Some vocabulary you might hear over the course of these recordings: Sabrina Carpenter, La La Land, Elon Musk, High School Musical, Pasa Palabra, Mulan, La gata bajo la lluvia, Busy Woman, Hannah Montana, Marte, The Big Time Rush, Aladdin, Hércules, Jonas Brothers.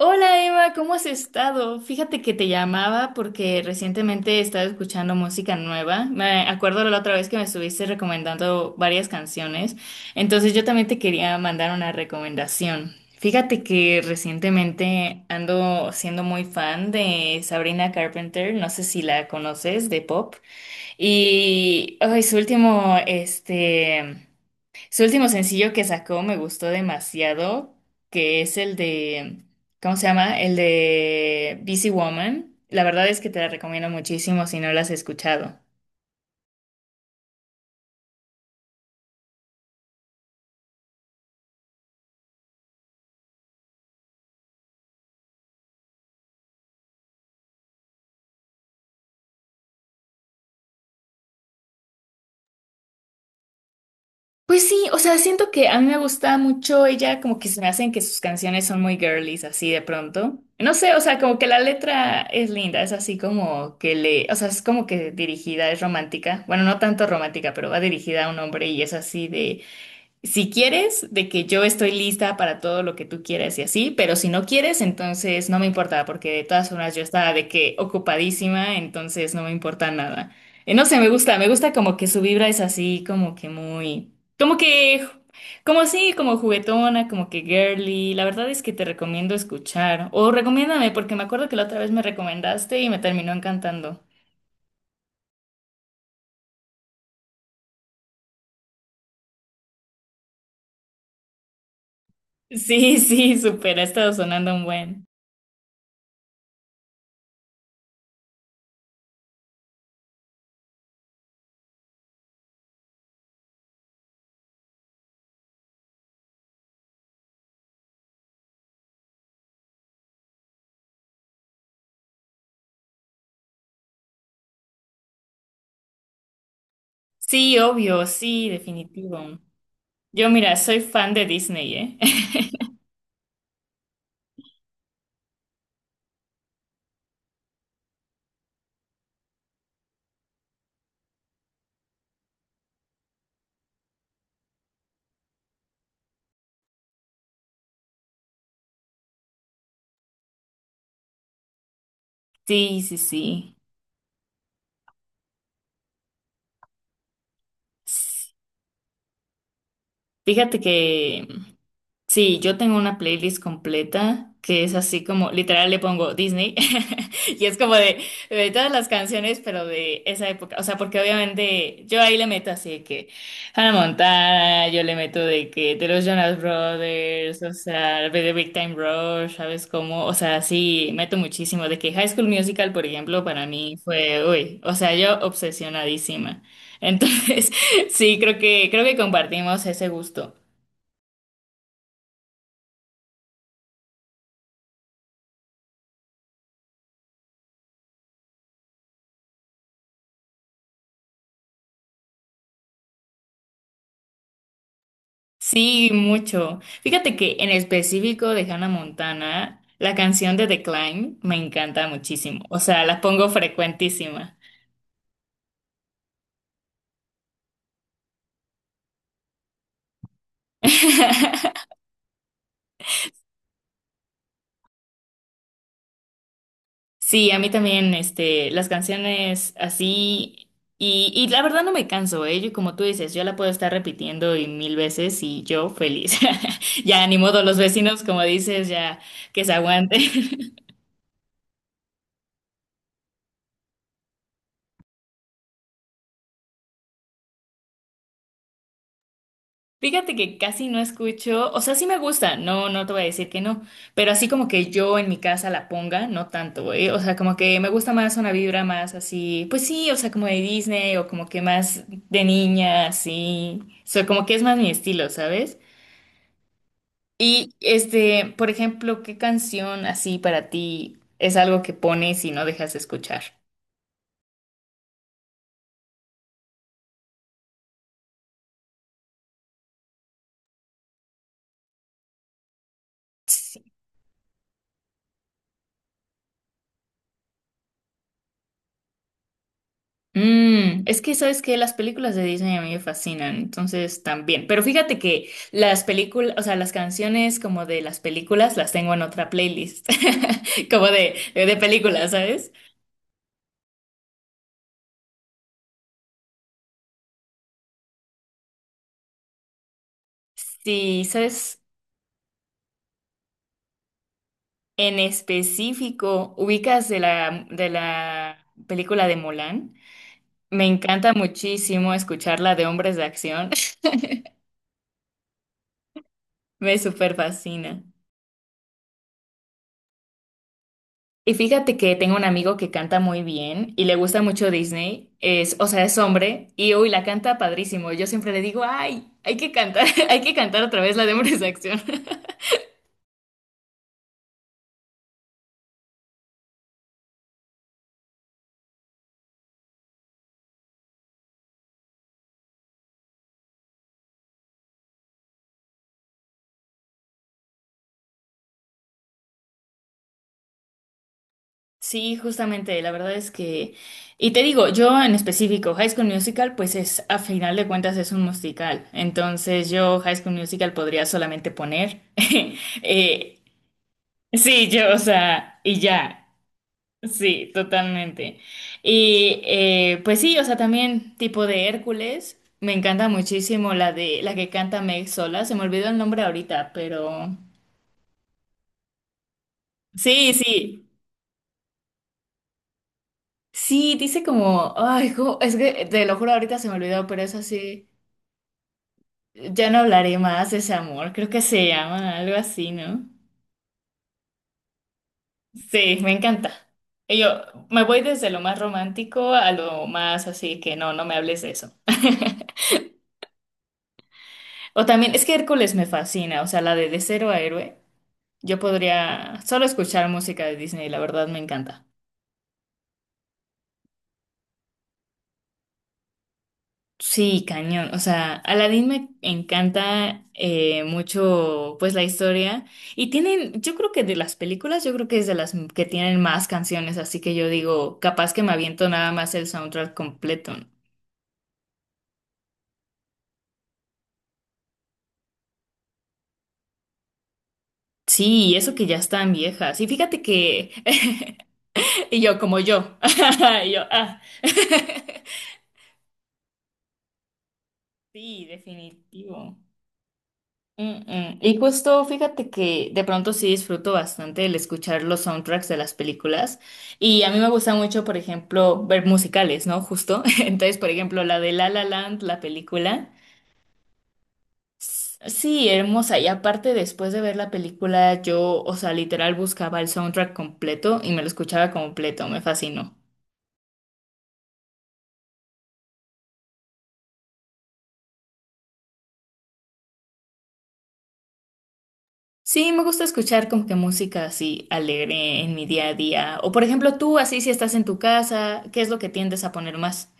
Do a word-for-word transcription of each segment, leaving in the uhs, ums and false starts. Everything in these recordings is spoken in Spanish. Hola Eva, ¿cómo has estado? Fíjate que te llamaba porque recientemente he estado escuchando música nueva. Me acuerdo la otra vez que me estuviste recomendando varias canciones, entonces yo también te quería mandar una recomendación. Fíjate que recientemente ando siendo muy fan de Sabrina Carpenter, no sé si la conoces, de pop, y ay, su último, este... su último sencillo que sacó me gustó demasiado, que es el de, ¿cómo se llama? El de Busy Woman. La verdad es que te la recomiendo muchísimo si no la has escuchado. Pues sí, o sea, siento que a mí me gusta mucho ella, como que se me hacen que sus canciones son muy girlies, así de pronto. No sé, o sea, como que la letra es linda, es así como que le, o sea, es como que dirigida, es romántica. Bueno, no tanto romántica, pero va dirigida a un hombre y es así de... Si quieres, de que yo estoy lista para todo lo que tú quieras y así, pero si no quieres, entonces no me importa, porque de todas formas yo estaba de que ocupadísima, entonces no me importa nada. Eh, no sé, me gusta, me gusta como que su vibra es así, como que muy, como que, como así, como juguetona, como que girly. La verdad es que te recomiendo escuchar, o recomiéndame, porque me acuerdo que la otra vez me recomendaste y me terminó encantando. Sí, sí, súper, ha estado sonando un buen. Sí, obvio, sí, definitivo. Yo, mira, soy fan de Disney, ¿eh? Sí, sí, sí. Fíjate que Sí, yo tengo una playlist completa que es así como, literal le pongo Disney y es como de, de todas las canciones, pero de esa época. O sea, porque obviamente yo ahí le meto así de que Hannah Montana, yo le meto de que de los Jonas Brothers, o sea, de The Big Time Rush, ¿sabes cómo? O sea, sí, meto muchísimo. De que High School Musical, por ejemplo, para mí fue, uy, o sea, yo obsesionadísima. Entonces, sí, creo que, creo que compartimos ese gusto. Sí, mucho. Fíjate que en específico de Hannah Montana, la canción de Decline me encanta muchísimo. O sea, la pongo frecuentísima. Sí, a mí también, este, las canciones así, y, y la verdad no me canso, ¿eh? Yo, como tú dices, yo la puedo estar repitiendo y mil veces y yo feliz. Ya ni modo, los vecinos, como dices, ya que se aguanten. Fíjate que casi no escucho, o sea, sí me gusta, no, no te voy a decir que no, pero así como que yo en mi casa la ponga, no tanto, ¿eh? O sea, como que me gusta más una vibra más así, pues sí, o sea, como de Disney o como que más de niña, así, o sea, como que es más mi estilo, ¿sabes? Y este, por ejemplo, ¿qué canción así para ti es algo que pones y no dejas de escuchar? Mm, es que sabes que las películas de Disney a mí me fascinan, entonces también. Pero fíjate que las películas, o sea, las canciones como de las películas las tengo en otra playlist, como de, de, de películas, ¿sabes? Sí, sabes, en específico, ubicas de la, de la película de Mulan. Me encanta muchísimo escucharla de hombres de acción, me súper fascina. Y fíjate que tengo un amigo que canta muy bien y le gusta mucho Disney, es, o sea, es hombre y uy, la canta padrísimo. Yo siempre le digo, ay, hay que cantar, hay que cantar otra vez la de Hombres de Acción. Sí, justamente, la verdad es que, y te digo, yo en específico, High School Musical, pues es, a final de cuentas es un musical, entonces yo High School Musical podría solamente poner, eh, sí, yo, o sea, y ya. Sí, totalmente. Y eh, pues sí, o sea, también tipo de Hércules. Me encanta muchísimo la de la que canta Meg sola. Se me olvidó el nombre ahorita, pero sí, sí. Sí, dice como, ay, jo- es que te lo juro, ahorita se me olvidó, pero es así. Ya no hablaré más de ese amor. Creo que se llama algo así, ¿no? Sí, me encanta. Y yo me voy desde lo más romántico a lo más así que no, no me hables de eso. O también, es que Hércules me fascina, o sea, la de de cero a héroe. Yo podría solo escuchar música de Disney, la verdad me encanta. Sí, cañón. O sea, Aladdin me encanta eh, mucho, pues la historia. Y tienen, yo creo que de las películas, yo creo que es de las que tienen más canciones, así que yo digo, capaz que me aviento nada más el soundtrack completo. Sí, y eso que ya están viejas. Y fíjate que, y yo como yo, y yo, ah. Sí, definitivo. Mm, mm. Y justo fíjate que de pronto sí disfruto bastante el escuchar los soundtracks de las películas y a mí me gusta mucho, por ejemplo, ver musicales, ¿no? Justo. Entonces, por ejemplo, la de La La Land, la película. s- Sí, hermosa. Y aparte, después de ver la película, yo, o sea, literal buscaba el soundtrack completo y me lo escuchaba completo. Me fascinó. Sí, me gusta escuchar como que música así alegre en mi día a día. O por ejemplo, tú así si estás en tu casa, ¿qué es lo que tiendes a poner más?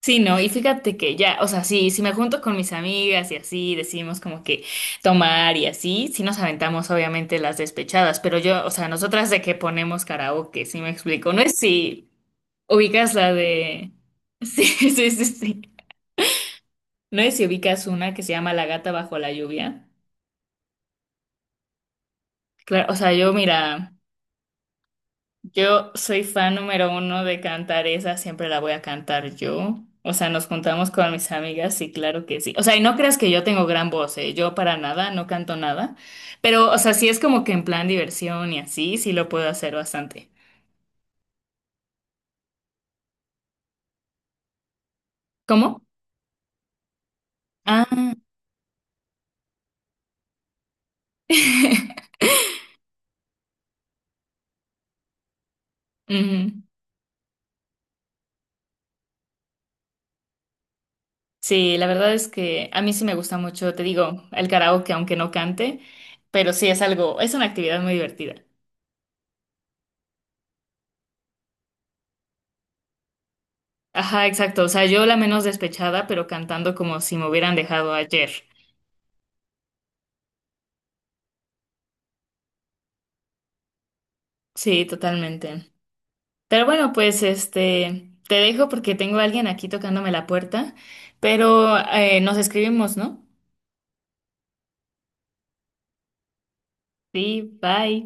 Sí, no, y fíjate que ya, o sea, sí, si me junto con mis amigas y así, decidimos como que tomar y así, sí nos aventamos obviamente las despechadas, pero yo, o sea, nosotras de que ponemos karaoke, sí me explico, no es si ubicas la de... Sí, sí, sí, sí, no es si ubicas una que se llama La gata bajo la lluvia, claro, o sea, yo mira... Yo soy fan número uno de cantar esa, siempre la voy a cantar yo. O sea, nos juntamos con mis amigas y claro que sí. O sea, y no creas que yo tengo gran voz, ¿eh? Yo para nada, no canto nada. Pero, o sea, sí es como que en plan diversión y así, sí lo puedo hacer bastante. ¿Cómo? Ah. Ujú. Sí, la verdad es que a mí sí me gusta mucho, te digo, el karaoke, aunque no cante, pero sí es algo, es una actividad muy divertida. Ajá, exacto. O sea, yo la menos despechada, pero cantando como si me hubieran dejado ayer. Sí, totalmente. Pero bueno, pues este, te dejo porque tengo a alguien aquí tocándome la puerta, pero eh, nos escribimos, ¿no? Sí, bye.